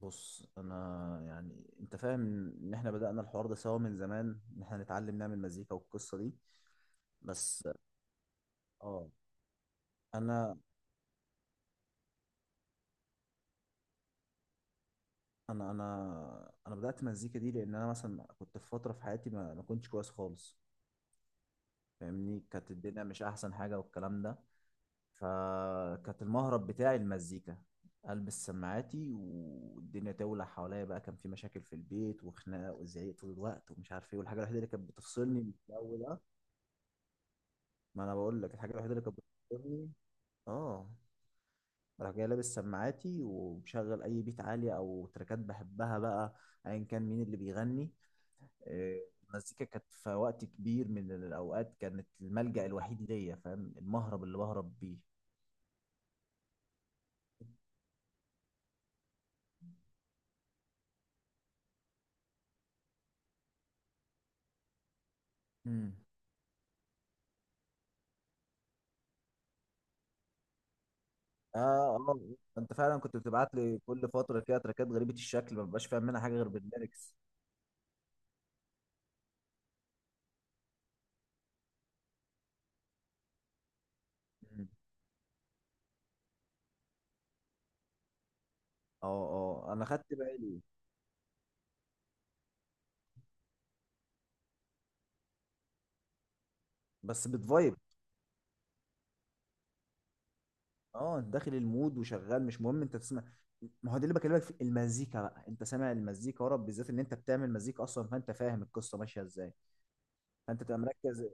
بص انا. يعني انت فاهم ان احنا بدأنا الحوار ده سوا من زمان ان احنا نتعلم نعمل مزيكا والقصة دي. بس اه انا انا بدأت مزيكا دي لان انا مثلا كنت في فترة في حياتي ما كنتش كويس خالص. فاهمني، كانت الدنيا مش احسن حاجة والكلام ده. فكانت المهرب بتاعي المزيكا. البس سماعاتي والدنيا تولع حواليا بقى. كان في مشاكل في البيت وخناقه وزعيق طول الوقت ومش عارف ايه، والحاجه الوحيده اللي كانت بتفصلني من الجو ده. ما انا بقول لك الحاجه الوحيده اللي كانت بتضربني. اه. راح جاي لابس سماعاتي ومشغل اي بيت عالي او تراكات بحبها بقى، ايا كان مين اللي بيغني. آه، المزيكا كانت في وقت كبير من الاوقات، كانت الملجأ الوحيد ليا. فاهم، المهرب اللي بهرب بيه. امم. اه. اه. انت فعلا كنت بتبعت لي كل فتره كده تراكات غريبه الشكل ما ببقاش فاهم منها حاجه غير بالليركس. أمم. اه. اه انا خدت بالي. بس بتفايب. اه انت داخل المود وشغال مش مهم انت تسمع. ما هو ده اللي بكلمك فيه. المزيكا بقى انت سامع المزيكا ورا، بالذات ان انت بتعمل مزيكا اصلا، فانت فاهم القصه ماشيه ازاي. فانت تبقى مركز.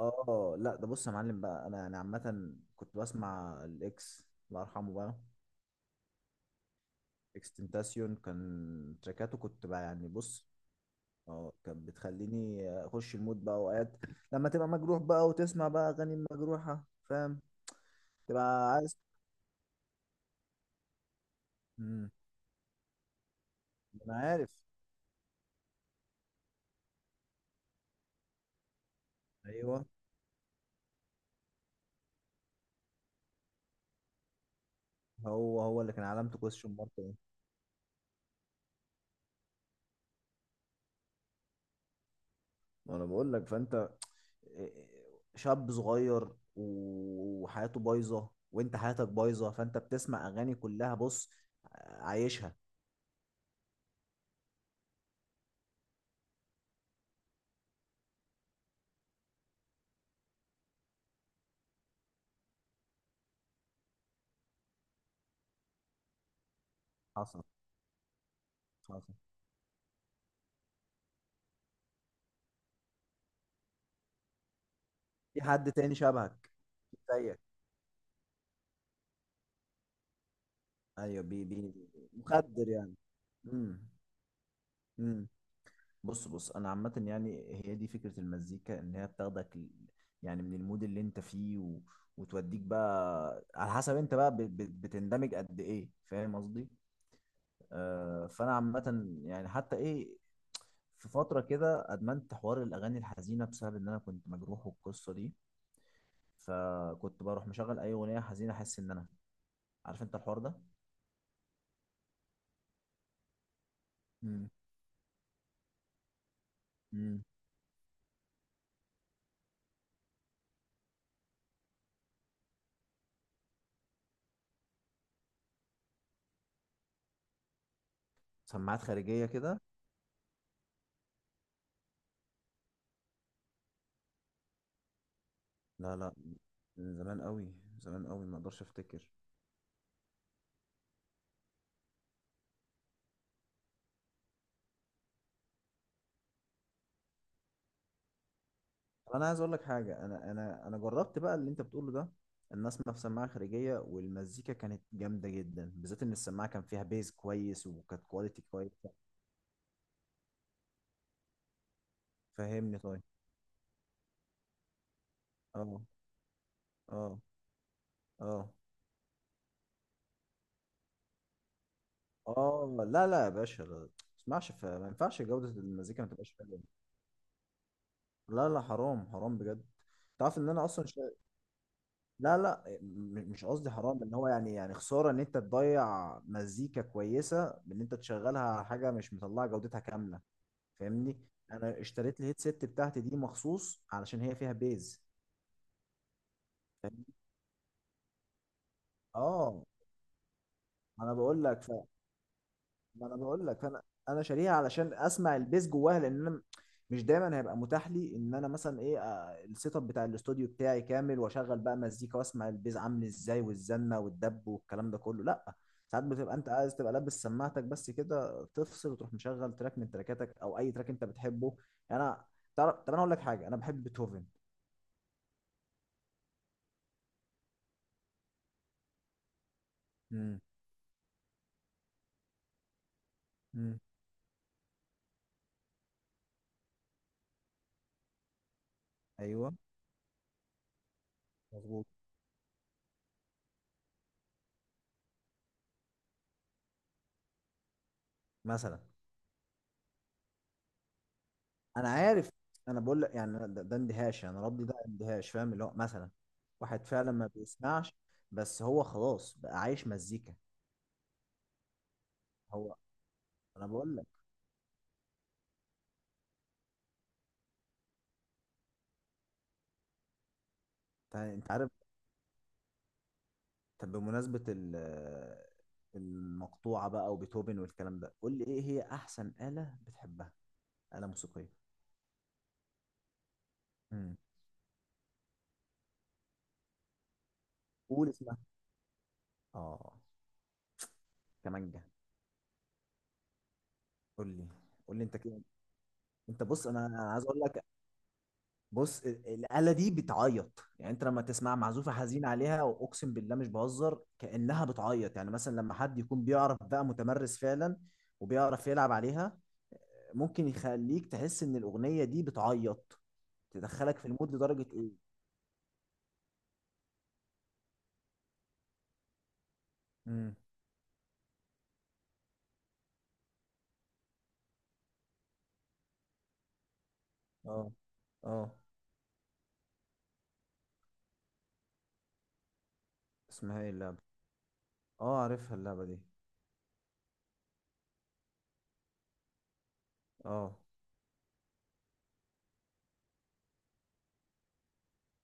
اه، لا ده بص يا معلم بقى. انا انا عامه كنت بسمع الاكس، الله يرحمه بقى. اكستنتاسيون كان تراكاته كنت بقى يعني بص. اه، كانت بتخليني اخش المود بقى اوقات. لما تبقى مجروح بقى وتسمع بقى اغاني مجروحه، فاهم، تبقى عايز. امم. انا عارف. ايوه. هو هو اللي كان علامته كويشن مارك ايه. وانا بقول لك، فانت إيه، شاب صغير وحياته بايظه وانت حياتك بايظه، فانت بتسمع اغاني كلها بص عايشها. حصل. حصل. في حد تاني شبهك، زيك. ايوه. بي مخدر يعني. امم. امم. بص بص انا عامه يعني هي دي فكره المزيكا، ان هي بتاخدك ل- يعني من المود اللي انت فيه و... وتوديك بقى على حسب انت بقى بتندمج قد ايه، فاهم قصدي؟ فانا عامه يعني حتى ايه. في فتره كده ادمنت حوار الاغاني الحزينه بسبب ان انا كنت مجروح والقصه دي. فكنت بروح مشغل اي اغنيه حزينه، احس ان انا عارف انت الحوار ده. مم. امم. سماعات خارجيه كده. لا لا. من زمان قوي، من زمان قوي ما اقدرش افتكر. طب انا عايز اقول لك حاجه. انا جربت بقى اللي انت بتقوله ده، ان اسمع في سماعه خارجيه، والمزيكا كانت جامده جدا، بالذات ان السماعه كان فيها بيز كويس وكانت كواليتي كويسه. فهمني طيب. اه. اه. اه. اه. لا لا يا باشا، لا. ما تسمعش ف- ما ينفعش جودة المزيكا ما تبقاش حلوة. لا لا، حرام حرام بجد. تعرف ان انا اصلا شا... لا لا، م- مش قصدي حرام، ان هو يعني يعني خسارة ان انت تضيع مزيكا كويسة بان انت تشغلها على حاجة مش مطلعة جودتها كاملة. فاهمني، انا اشتريت الهيدسيت بتاعتي دي مخصوص علشان هي فيها بيز. فاهمني؟ اه. انا بقول لك. ما انا بقول لك. انا شاريها علشان اسمع البيس جواها لان انا م- مش دايما هيبقى متاح لي ان انا مثلا ايه، السيت اب بتاع الاستوديو بتاعي كامل واشغل بقى مزيكا واسمع البيز عامل ازاي والزنه والدب والكلام ده كله، لا. ساعات بتبقى انت عايز تبقى لابس سماعتك بس كده تفصل وتروح مشغل تراك من تراكاتك او اي تراك انت بتحبه. يعني انا. تعرف، طب انا اقول لك حاجه، انا بحب بيتهوفن. امم. امم. ايوه. مظبوط. مثلا. انا عارف. انا بقول لك يعني ده اندهاش يعني، ردي ده اندهاش، فاهم اللي هو مثلا واحد فعلا ما بيسمعش، بس هو خلاص بقى عايش مزيكا. هو. انا بقول لك. انت عارف، طب بمناسبة ال- المقطوعة بقى وبيتهوفن والكلام ده، قول لي ايه هي احسن آلة بتحبها؟ آلة موسيقية. امم. قول اسمها. اه. كمانجة. قول لي. قول لي انت كده. انت بص، انا عايز اقول لك. بص ال- الآلة دي بتعيط. يعني انت لما تسمع معزوفة حزين عليها واقسم بالله مش بهزر كأنها بتعيط. يعني مثلا لما حد يكون بيعرف بقى متمرس فعلا وبيعرف يلعب عليها، ممكن يخليك تحس ان الأغنية دي بتعيط. تدخلك في المود لدرجة ايه. امم. اه. اه. اسمها ايه اللعبة؟ اه عارفها اللعبة دي. اه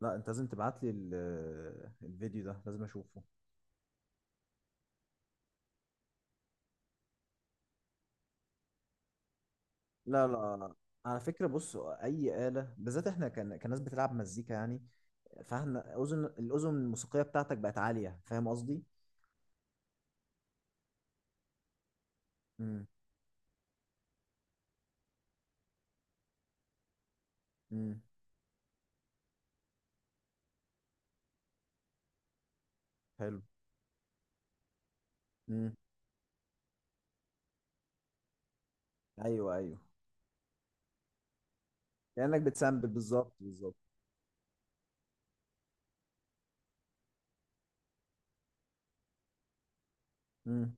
لا، انت لازم تبعت لي الفيديو ده، لازم اشوفه. لا لا، على فكرة بص، أي آلة بالذات إحنا كان كناس بتلعب مزيكا يعني. فاهم، اذن الاذن الموسيقيه بتاعتك بقت عاليه، فاهم قصدي؟ امم. امم. حلو. امم. ايوه ايوه. كانك بتسامبل بالظبط، بالظبط. امم.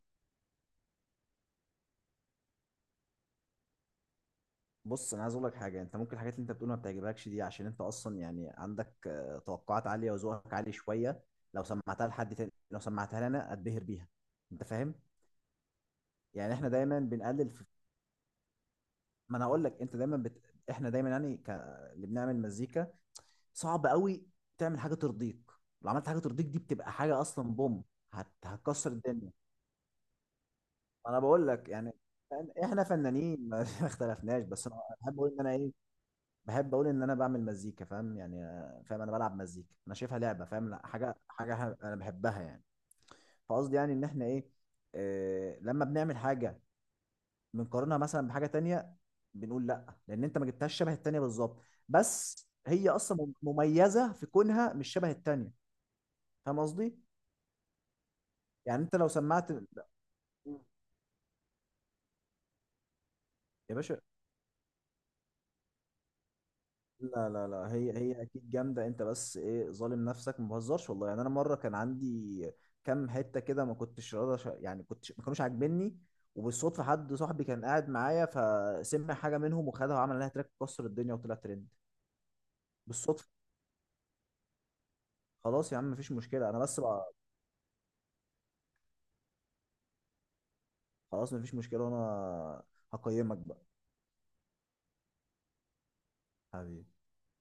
بص انا عايز اقول لك حاجه. انت ممكن الحاجات اللي انت بتقولها ما بتعجبكش دي، عشان انت اصلا يعني عندك توقعات عاليه وذوقك عالي شويه. لو سمعتها لحد تاني، لو سمعتها لي انا اتبهر بيها. انت فاهم. يعني احنا دايما بنقلل في... ما انا اقول لك، انت دايما بت... احنا دايما يعني ك... اللي بنعمل مزيكا صعب قوي تعمل حاجه ترضيك. لو عملت حاجه ترضيك دي، بتبقى حاجه اصلا بوم، هت... هتكسر الدنيا. انا بقول لك يعني فن- احنا فنانين ما اختلفناش، بس انا بحب اقول ان انا ايه، بحب اقول ان انا بعمل مزيكا. فاهم يعني، فاهم، انا بلعب مزيكا، انا شايفها لعبه فاهم، لا حاجه حاجه ح- انا بحبها يعني. فقصدي يعني ان احنا ايه، آه لما بنعمل حاجه بنقارنها مثلا بحاجه تانية، بنقول لا لان انت ما جبتهاش شبه التانية بالظبط، بس هي اصلا مم- مميزه في كونها مش شبه التانية. فاهم قصدي؟ يعني انت لو سمعت. يا باشا لا لا لا، هي هي اكيد جامده، انت بس ايه ظالم نفسك. ما بهزرش والله، يعني انا مره كان عندي كام حته كده ما كنتش راضي أش- يعني كنتش، ما كانوش عاجبني، وبالصدفه حد صاحبي كان قاعد معايا فسمع حاجه منهم وخدها وعمل لها تراك كسر الدنيا وطلع ترند. بالصدفه. خلاص يا عم، مفيش مشكله، انا بس بقى. خلاص مفيش مشكله، وانا هقيمك بقى. حبيبي.